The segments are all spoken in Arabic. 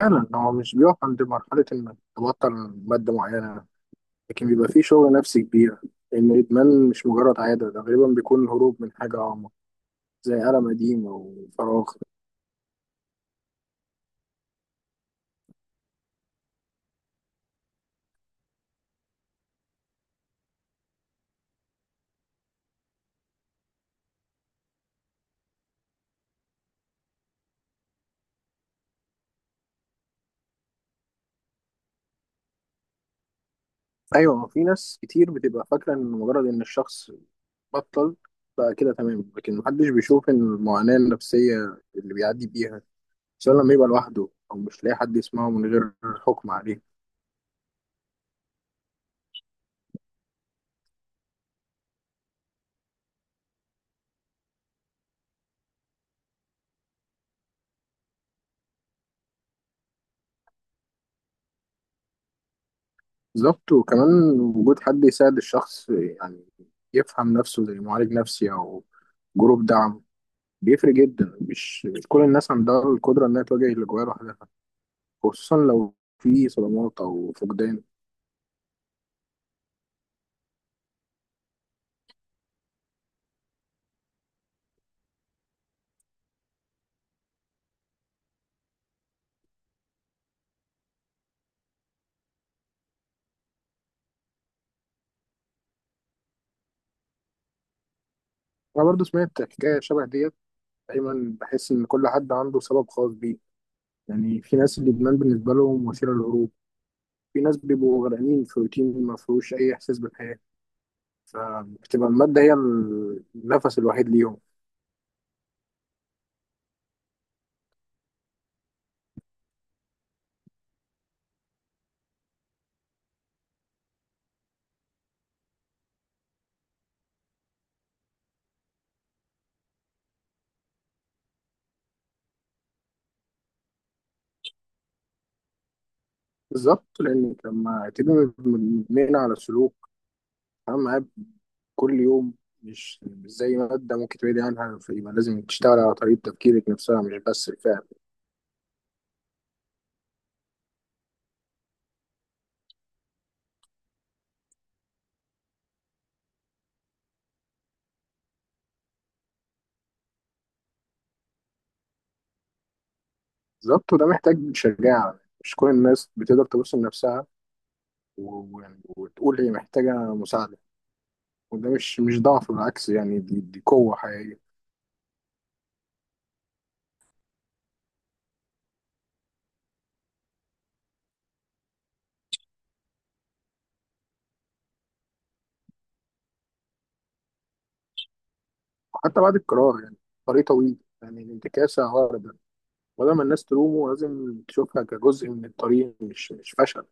فعلا هو مش بيقف عند مرحلة إنك تبطل مادة معينة، لكن بيبقى فيه شغل نفسي كبير لأن الإدمان مش مجرد عادة، ده غالبا بيكون هروب من حاجة أعمق، زي ألم قديم أو فراغ. أيوة، في ناس كتير بتبقى فاكرة إن مجرد إن الشخص بطل بقى كده تمام، لكن محدش بيشوف إن المعاناة النفسية اللي بيعدي بيها، سواء لما يبقى لوحده أو مش لاقي حد يسمعه من غير حكم عليه. بالظبط، وكمان وجود حد يساعد الشخص يعني يفهم نفسه، زي معالج نفسي أو جروب دعم، بيفرق جدا. مش كل الناس عندها القدرة إنها تواجه الأجواء لوحدها، خصوصا لو في صدمات أو فقدان. أنا برضو سمعت حكاية شبه ديت. دايما بحس إن كل حد عنده سبب خاص بيه، يعني في ناس الإدمان بالنسبة لهم وسيلة للهروب. في ناس بيبقوا غرقانين في روتين ما فيهوش أي إحساس بالحياة، فبتبقى المادة هي النفس الوحيد ليهم. بالظبط، لأن لما تبقى مدمنة على السلوك، أنا معايا كل يوم، مش زي مادة ممكن تبعد عنها، فيبقى لازم تشتغل على طريقة تفكيرك نفسها، مش بس الفهم. بالظبط، وده محتاج شجاعة. مش كل الناس بتقدر تبص لنفسها و- و- وتقول هي محتاجة مساعدة، وده مش ضعف، بالعكس، يعني دي قوة حقيقية. وحتى بعد القرار يعني طريق طويل، يعني الانتكاسة عارضة، ولما الناس تلومه لازم تشوفها كجزء من الطريق، مش فشل.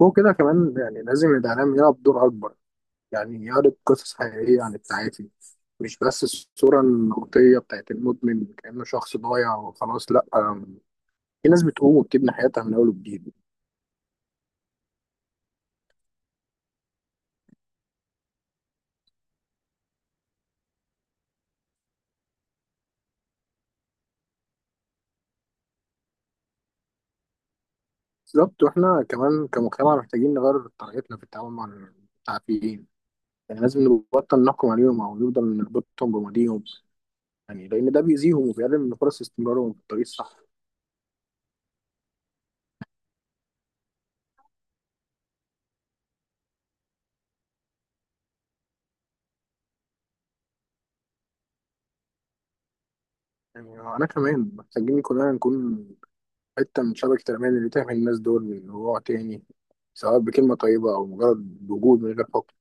وكده كمان يعني لازم الإعلام يلعب دور أكبر، يعني يعرض قصص حقيقية عن التعافي، مش بس الصورة النمطية بتاعت المدمن كأنه شخص ضايع وخلاص. لأ، في ناس بتقوم وبتبني حياتها من أول وجديد. بالظبط، وإحنا كمان كمجتمع محتاجين نغير طريقتنا في التعامل مع التعافيين، يعني لازم نبطل نحكم عليهم أو نفضل نربطهم بماضيهم، يعني لأن ده بيأذيهم وبيقلل من فرص استمرارهم في الطريق الصح. يعني أنا كمان محتاجين كلنا نكون حتة من شبكة الأمان اللي تحمي الناس دول من وقوع تاني، سواء بكلمة طيبة أو مجرد وجود من غير حكم.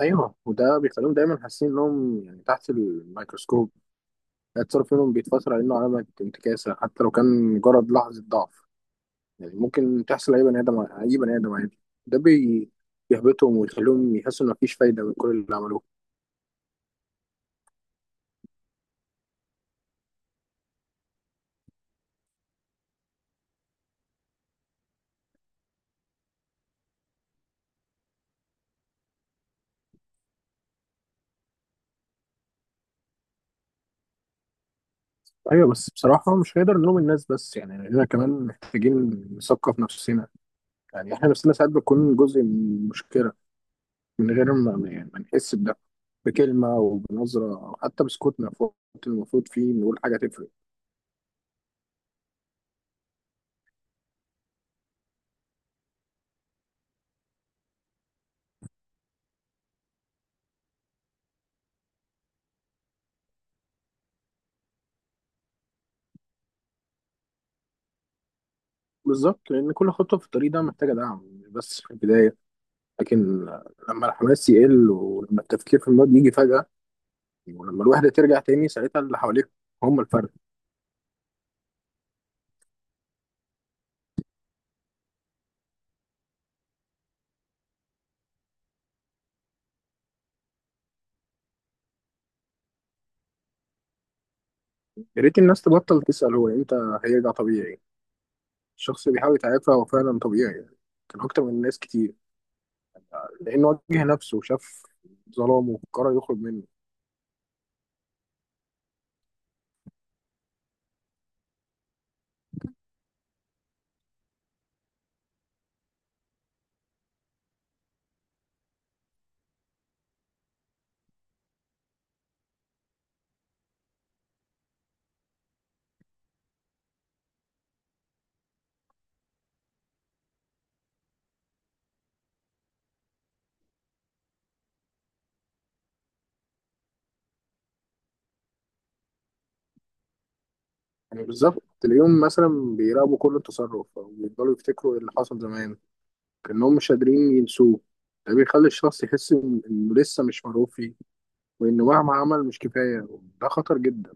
أيوه، وده بيخليهم دايما حاسين إنهم يعني تحت الميكروسكوب، التصرف منهم بيتفسر على إنه علامة انتكاسة حتى لو كان مجرد لحظة ضعف، يعني ممكن تحصل أي بني آدم، أي بني آدم عادي. ده بي- بيحبطهم ويخليهم يحسوا إن مفيش فايدة من كل اللي عملوه. أيوه، بس بصراحة مش هنقدر نلوم الناس بس، يعني إحنا كمان محتاجين نثقف نفسنا، يعني إحنا نفسنا ساعات بنكون جزء من المشكلة من غير يعني ما نحس بده، بكلمة أو بنظرة أو حتى بسكوتنا في وقت المفروض فيه نقول حاجة تفرق. بالظبط، لأن كل خطوة في الطريق ده محتاجة دعم، مش بس في البداية، لكن لما الحماس يقل، ولما التفكير في الماضي يجي فجأة، ولما الوحدة ترجع تاني، ساعتها اللي حواليك هم الفرق. يا ريت الناس تبطل تسأل هو إمتى هيرجع طبيعي، الشخص اللي بيحاول يتعافى هو فعلا طبيعي، يعني كان أكتر من ناس كتير، لأنه واجه نفسه وشاف ظلامه وقرر يخرج منه. يعني بالظبط تلاقيهم مثلا بيراقبوا كل تصرف او بيفضلوا يفتكروا اللي حصل زمان، كأنهم مش قادرين ينسوه. ده بيخلي الشخص يحس إن- انه لسه مش مرغوب فيه، وانه مهما عمل مش كفايه، وده خطر جدا.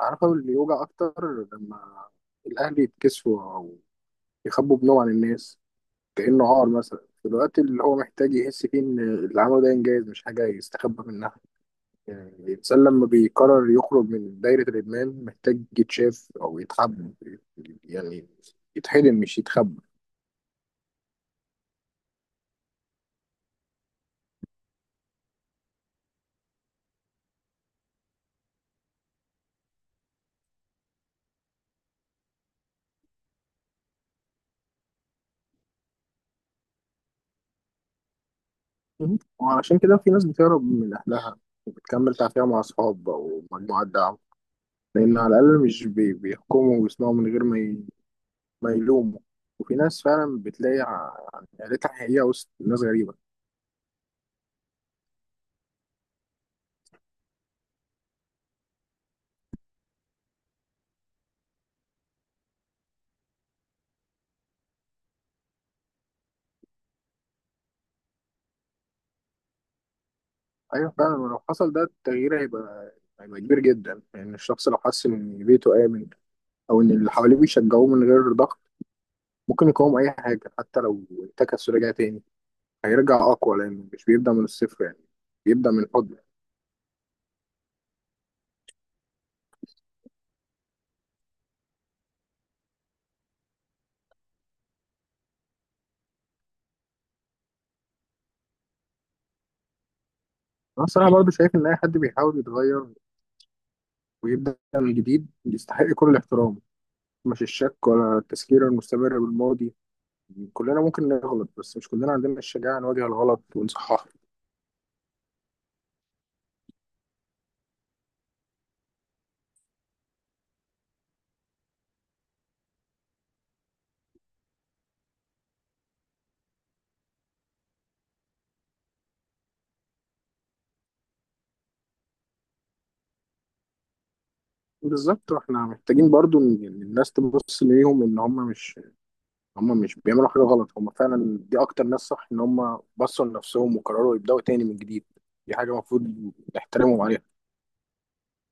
عارفه اللي يوجع اكتر، لما الاهل يتكسفوا او يخبوا ابنهم عن الناس كأنه عار مثلا، في الوقت اللي هو محتاج يحس فيه ان اللي عمله ده انجاز، مش حاجه يستخبى منها. يعني الإنسان لما بيقرر يخرج من دايرة الإدمان محتاج يتشاف أو يتحب، يعني يتحضن مش يتخبى. مهم. وعشان كده في ناس بتهرب من أهلها وبتكمل تعافيها مع أصحاب أو مجموعة دعم، لأن على الأقل مش بي- بيحكموا ويسمعوا من غير ما يلوموا. وفي ناس فعلا بتلاقي عيلتها حقيقية وسط ناس غريبة. أيوة فعلا، ولو حصل ده التغيير هيبقى كبير جدا، يعني الشخص لو حس إن بيته آمن، أو إن اللي حواليه بيشجعوه من غير ضغط، ممكن يقاوم أي حاجة. حتى لو انتكس ورجع تاني، هيرجع أقوى، لأنه مش بيبدأ من الصفر، يعني بيبدأ من الحضن. أنا الصراحة برضه شايف إن أي حد بيحاول يتغير ويبدأ من جديد يستحق كل الاحترام، مش الشك ولا التذكير المستمر بالماضي. كلنا ممكن نغلط، بس مش كلنا عندنا الشجاعة نواجه الغلط ونصححه. بالظبط، واحنا محتاجين برضه إن الناس تبص ليهم إن هم مش بيعملوا حاجة غلط، هم فعلا دي أكتر ناس صح إن هم بصوا لنفسهم وقرروا يبدأوا تاني من جديد، دي حاجة المفروض نحترمهم عليها.